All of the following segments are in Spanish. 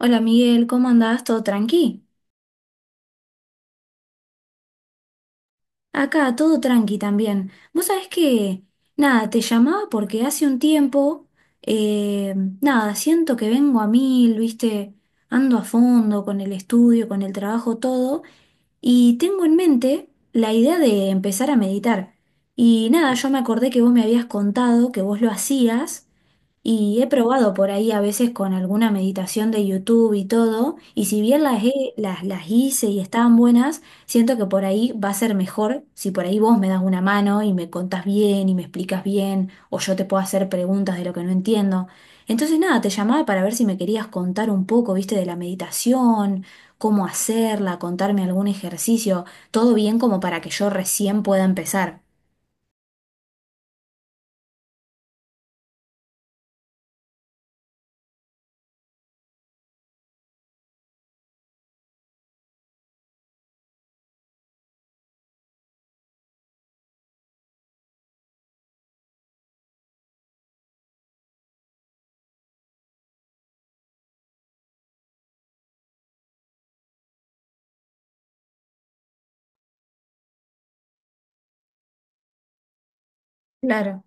Hola Miguel, ¿cómo andás? ¿Todo tranqui? Acá, todo tranqui también. Vos sabés que, nada, te llamaba porque hace un tiempo, eh, nada, siento que vengo a mil, viste, ando a fondo con el estudio, con el trabajo, todo, y tengo en mente la idea de empezar a meditar. Y nada, yo me acordé que vos me habías contado que vos lo hacías. Y he probado por ahí a veces con alguna meditación de YouTube y todo, y si bien las hice y estaban buenas, siento que por ahí va a ser mejor si por ahí vos me das una mano y me contás bien y me explicas bien, o yo te puedo hacer preguntas de lo que no entiendo. Entonces nada, te llamaba para ver si me querías contar un poco, viste, de la meditación, cómo hacerla, contarme algún ejercicio, todo bien como para que yo recién pueda empezar. Claro,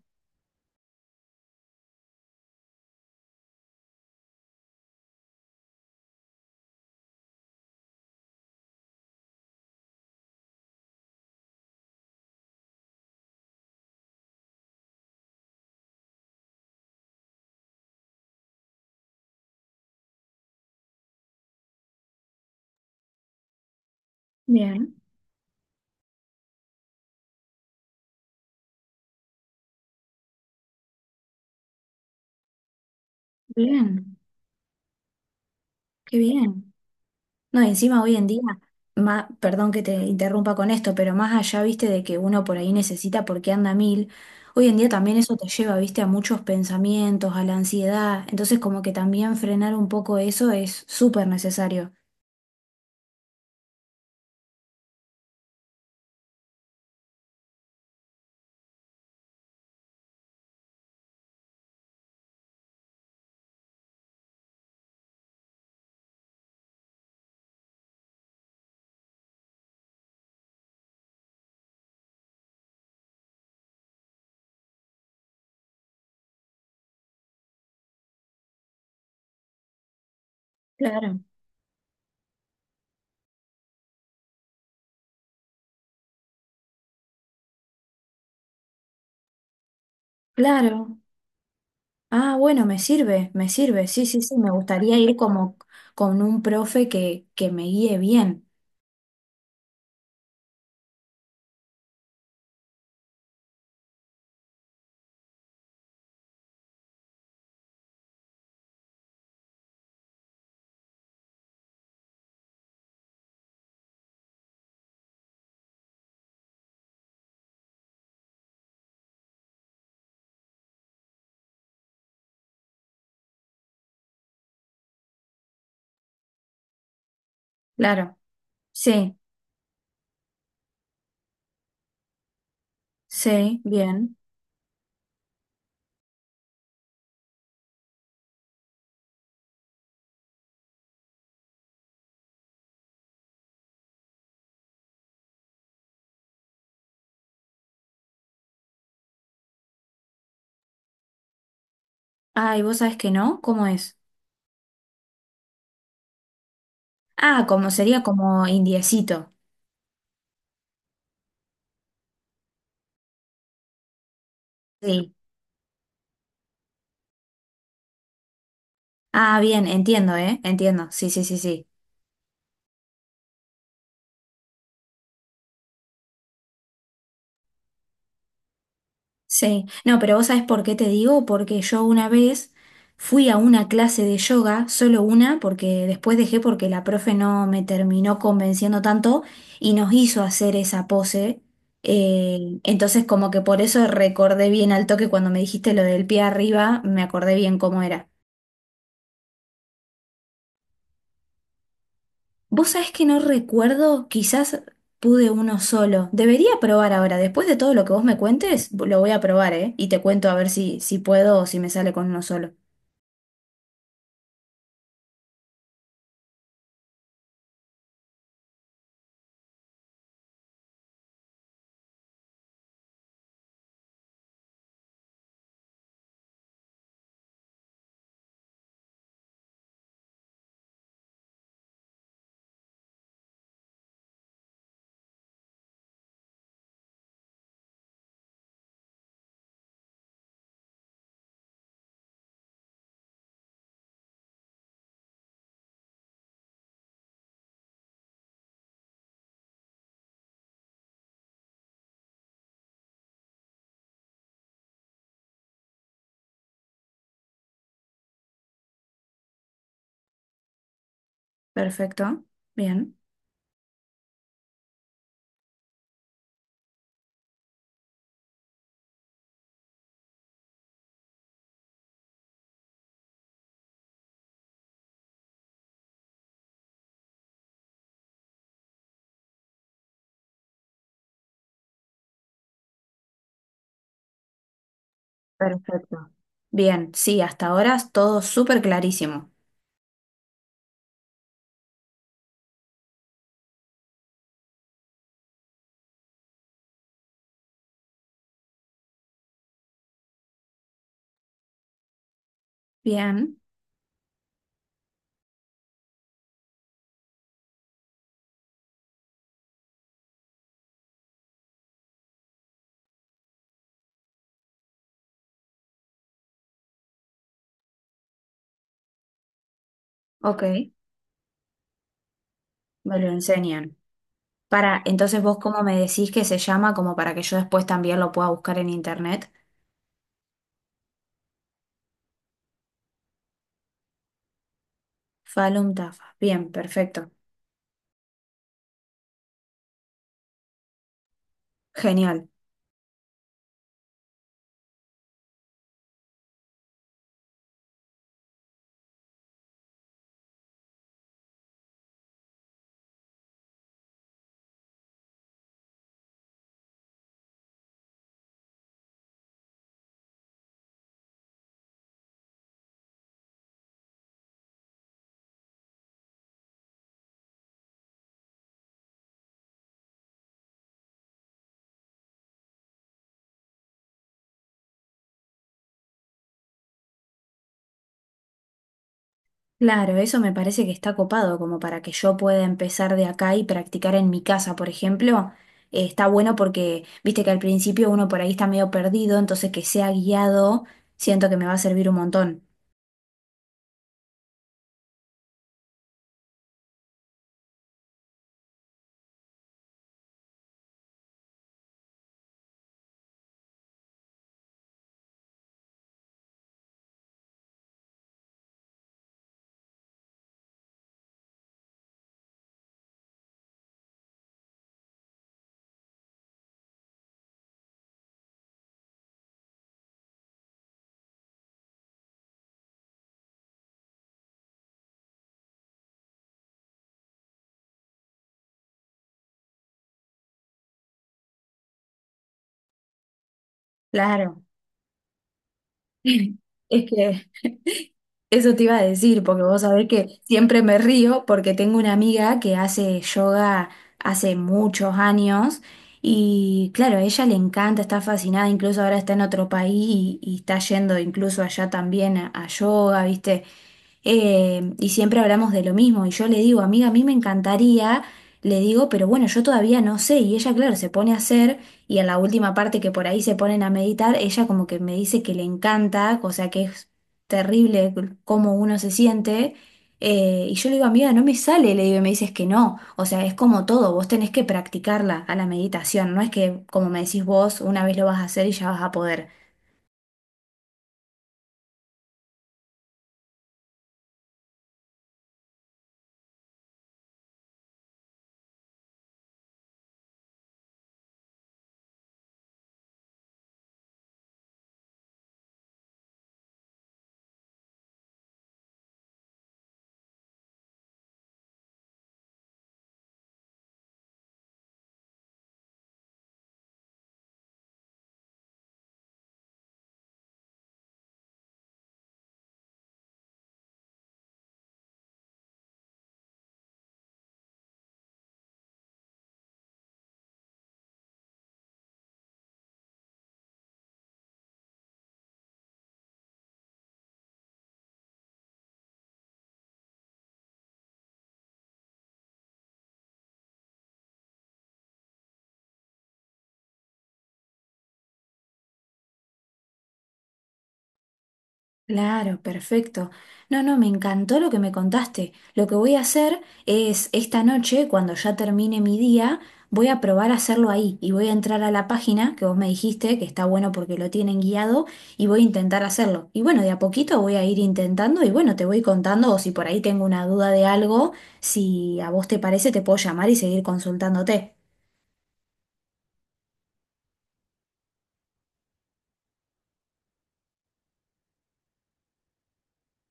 bien, bien, qué bien. No, y encima hoy en día, ma- perdón que te interrumpa con esto, pero más allá, viste, de que uno por ahí necesita porque anda a mil, hoy en día también eso te lleva, viste, a muchos pensamientos, a la ansiedad. Entonces, como que también frenar un poco eso es súper necesario. Claro. Claro. Ah, bueno, me sirve, me sirve. Sí, sí, sí, me gustaría ir como con un profe que me guíe bien. Claro. Sí, sí, bien. Ah, ¿y vos sabés que no? ¿Cómo es? Ah, como sería como indiecito. Sí. Ah, bien, entiendo, ¿eh? Entiendo. Sí, sí, sí, sí. Sí. No, pero vos sabés por qué te digo, porque yo una vez fui a una clase de yoga, solo una, porque después dejé porque la profe no me terminó convenciendo tanto y nos hizo hacer esa pose. Entonces como que por eso recordé bien al toque cuando me dijiste lo del pie arriba, me acordé bien cómo era. Vos sabés que no recuerdo, quizás pude uno solo. Debería probar ahora, después de todo lo que vos me cuentes, lo voy a probar, ¿eh? Y te cuento a ver si, si puedo o si me sale con uno solo. Perfecto, bien. Perfecto. Bien, sí, hasta ahora es todo súper clarísimo. Bien, ok, me lo enseñan. Para, entonces vos cómo me decís que se llama como para que yo después también lo pueda buscar en internet. Falum Tafa. Bien, perfecto. Genial. Claro, eso me parece que está copado, como para que yo pueda empezar de acá y practicar en mi casa, por ejemplo. Está bueno porque, viste que al principio uno por ahí está medio perdido, entonces que sea guiado, siento que me va a servir un montón. Claro. Es que eso te iba a decir, porque vos sabés que siempre me río porque tengo una amiga que hace yoga hace muchos años y claro, a ella le encanta, está fascinada, incluso ahora está en otro país y está yendo incluso allá también a yoga, ¿viste? Y siempre hablamos de lo mismo y yo le digo, amiga, a mí me encantaría, le digo, pero bueno, yo todavía no sé y ella, claro, se pone a hacer y en la última parte que por ahí se ponen a meditar, ella como que me dice que le encanta, o sea que es terrible cómo uno se siente. Eh, y yo le digo, amiga, no me sale, le digo, y me dices que no. O sea, es como todo, vos tenés que practicarla a la meditación, no es que, como me decís vos, una vez lo vas a hacer y ya vas a poder. Claro, perfecto. No, no, me encantó lo que me contaste. Lo que voy a hacer es esta noche, cuando ya termine mi día, voy a probar a hacerlo ahí y voy a entrar a la página que vos me dijiste, que está bueno porque lo tienen guiado, y voy a intentar hacerlo. Y bueno, de a poquito voy a ir intentando y bueno, te voy contando o si por ahí tengo una duda de algo, si a vos te parece, te puedo llamar y seguir consultándote.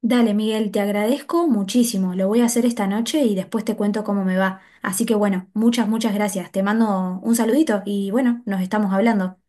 Dale, Miguel, te agradezco muchísimo. Lo voy a hacer esta noche y después te cuento cómo me va. Así que bueno, muchas, muchas gracias. Te mando un saludito y bueno, nos estamos hablando.